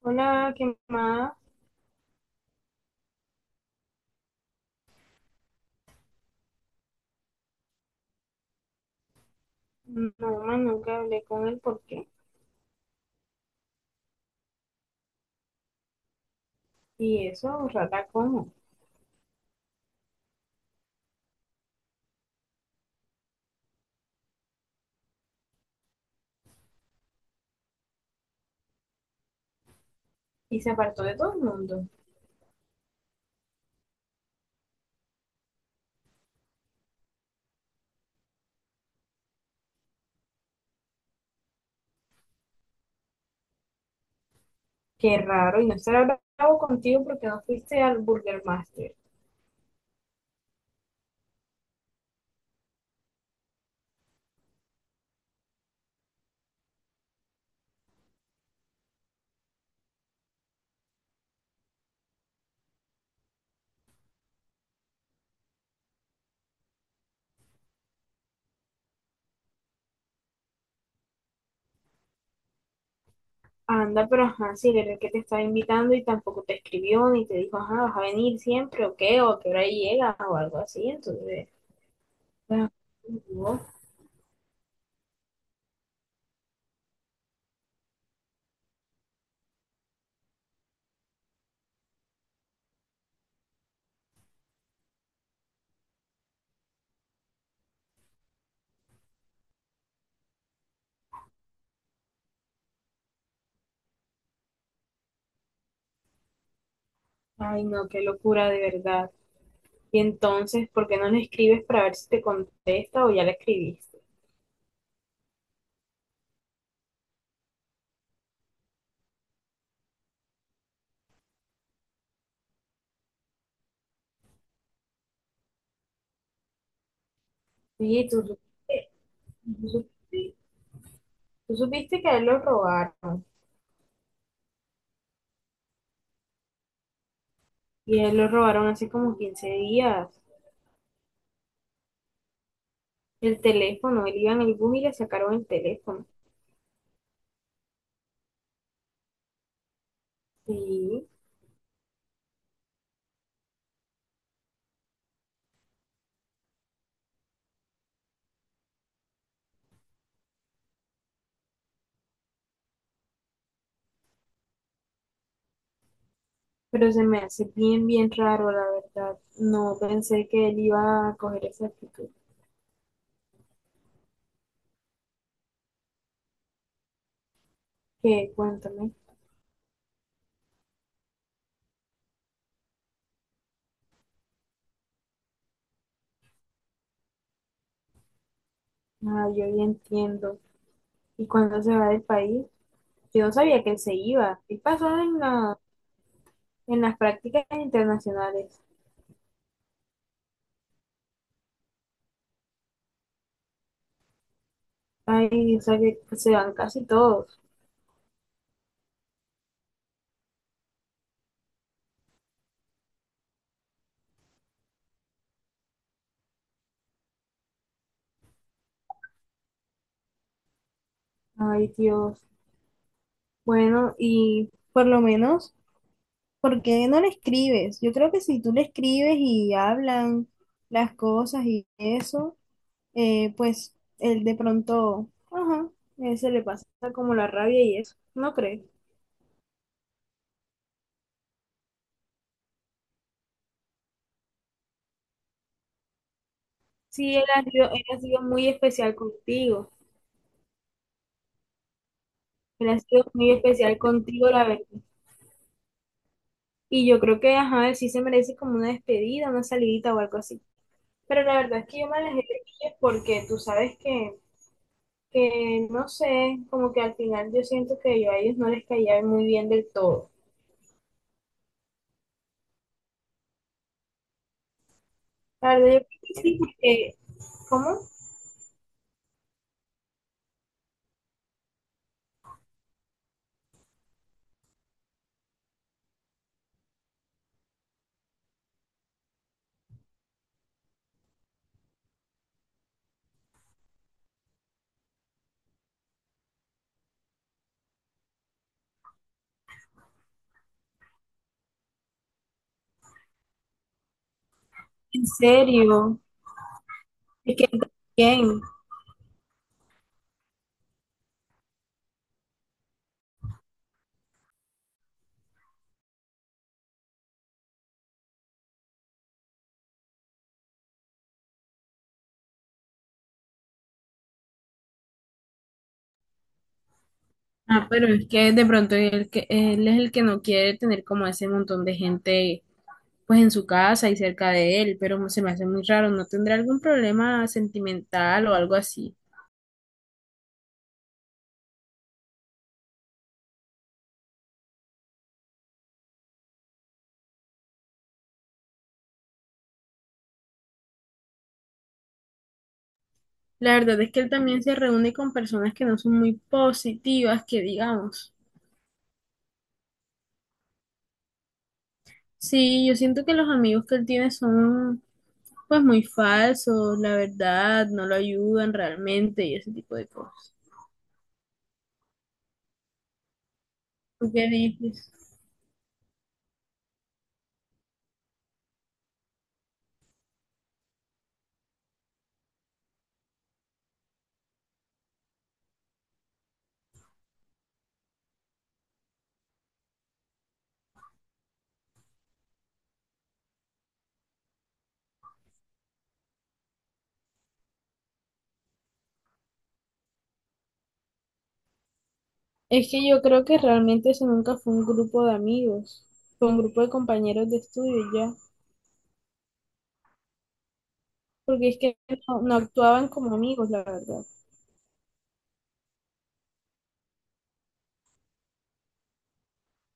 Hola, ¿qué más? No, más nunca hablé con él, ¿por qué? Y eso, rata, ¿cómo? Y se apartó de todo el mundo. Qué raro, y no estará bravo contigo porque no fuiste al Burger Master. Anda, pero ajá, si él era el que te estaba invitando y tampoco te escribió ni te dijo, ajá, vas a venir siempre o qué, o que hora llega o algo así, entonces, ah, no. Ay no, qué locura de verdad. Y entonces, ¿por qué no le escribes para ver si te contesta o ya le escribiste? Oye, tú supiste Tú supiste que a él lo robaron y a él lo robaron hace como 15 días? El teléfono, él iba en el bus y le sacaron el teléfono. Sí, pero se me hace bien raro, la verdad. No pensé que él iba a coger esa actitud. Qué, cuéntame. Ah, yo ya entiendo. ¿Y cuándo se va del país? Yo no sabía que él se iba. ¿Qué pasó en en las prácticas internacionales? Ay, o sea que se van casi todos. Ay, Dios. Bueno, y por lo menos, ¿por qué no le escribes? Yo creo que si tú le escribes y hablan las cosas y eso, pues él de pronto, ajá, él se le pasa como la rabia y eso, ¿no crees? Sí, él ha sido muy especial contigo. Él ha sido muy especial contigo, la verdad. Y yo creo que, ajá, él sí se merece como una despedida, una salidita o algo así. Pero la verdad es que yo me alejé de ellos porque tú sabes que no sé, como que al final yo siento que yo a ellos no les caía muy bien del todo. La verdad, yo creo que sí, porque, ¿cómo? En serio, es que también. Ah, pero es que de pronto él es el que no quiere tener como ese montón de gente pues en su casa y cerca de él, pero se me hace muy raro, ¿no tendrá algún problema sentimental o algo así? La verdad es que él también se reúne con personas que no son muy positivas, que digamos. Sí, yo siento que los amigos que él tiene son pues muy falsos, la verdad, no lo ayudan realmente y ese tipo de cosas. ¿Tú qué dices? Es que yo creo que realmente eso nunca fue un grupo de amigos, fue un grupo de compañeros de estudio y ya, porque es que no actuaban como amigos, la verdad.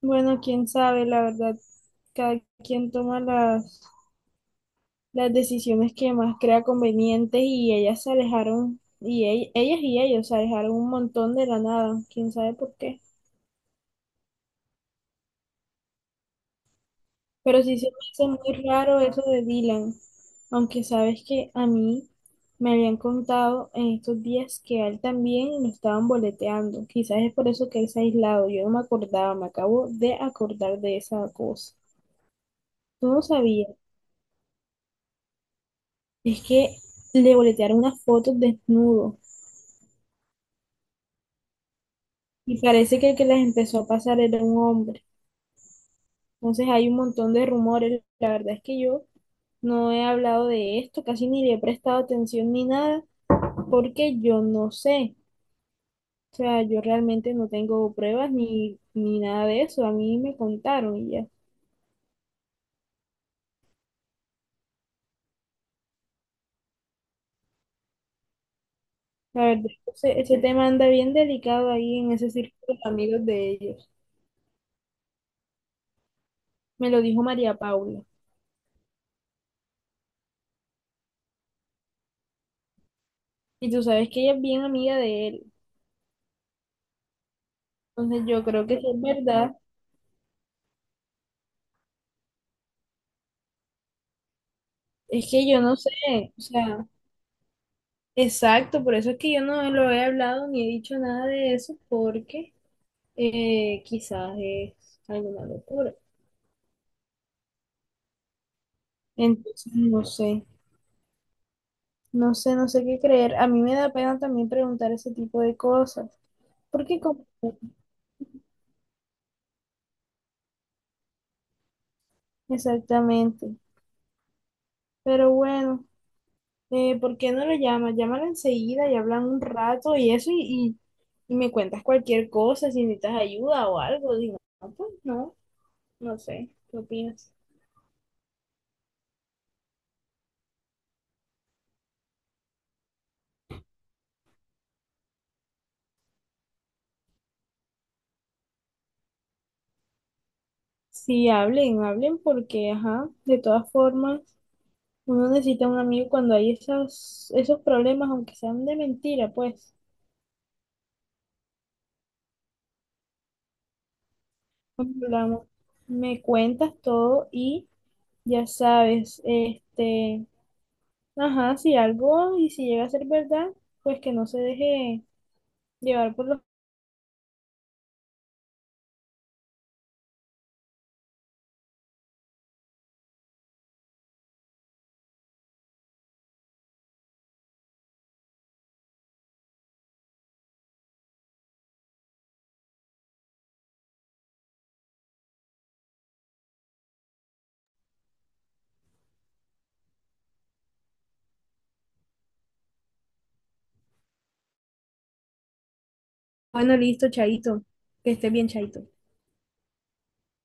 Bueno, quién sabe, la verdad, cada quien toma las decisiones que más crea convenientes y ellas se alejaron, y ellas y ellos se alejaron un montón de la nada, quién sabe por qué. Pero sí se me hace muy raro eso de Dylan, aunque sabes que a mí me habían contado en estos días que a él también lo estaban boleteando. Quizás es por eso que él se ha aislado. Yo no me acordaba, me acabo de acordar de esa cosa. Tú no sabías, es que le boletearon unas fotos desnudo y parece que el que las empezó a pasar era un hombre. Entonces hay un montón de rumores. La verdad es que yo no he hablado de esto, casi ni le he prestado atención ni nada, porque yo no sé. O sea, yo realmente no tengo pruebas ni nada de eso. A mí me contaron y ya. La verdad, ese tema anda bien delicado ahí en ese círculo de amigos de ellos. Me lo dijo María Paula. Y tú sabes que ella es bien amiga de él. Entonces yo creo que si es verdad. Es que yo no sé. O sea, exacto. Por eso es que yo no lo he hablado ni he dicho nada de eso porque quizás es alguna locura. Entonces, no sé. No sé, no sé qué creer. A mí me da pena también preguntar ese tipo de cosas. ¿Por qué? como- Exactamente. Pero bueno, ¿por qué no lo llamas? Llámala enseguida y hablan un rato y eso y me cuentas cualquier cosa, si necesitas ayuda o algo. Digo, no, pues no, no sé. ¿Qué opinas? Sí, hablen, hablen porque, ajá, de todas formas, uno necesita un amigo cuando hay esos problemas, aunque sean de mentira, pues. Hablamos, me cuentas todo y ya sabes, este, ajá, si algo y si llega a ser verdad, pues que no se deje llevar por los... Bueno, listo, Chaito. Que esté bien, Chaito.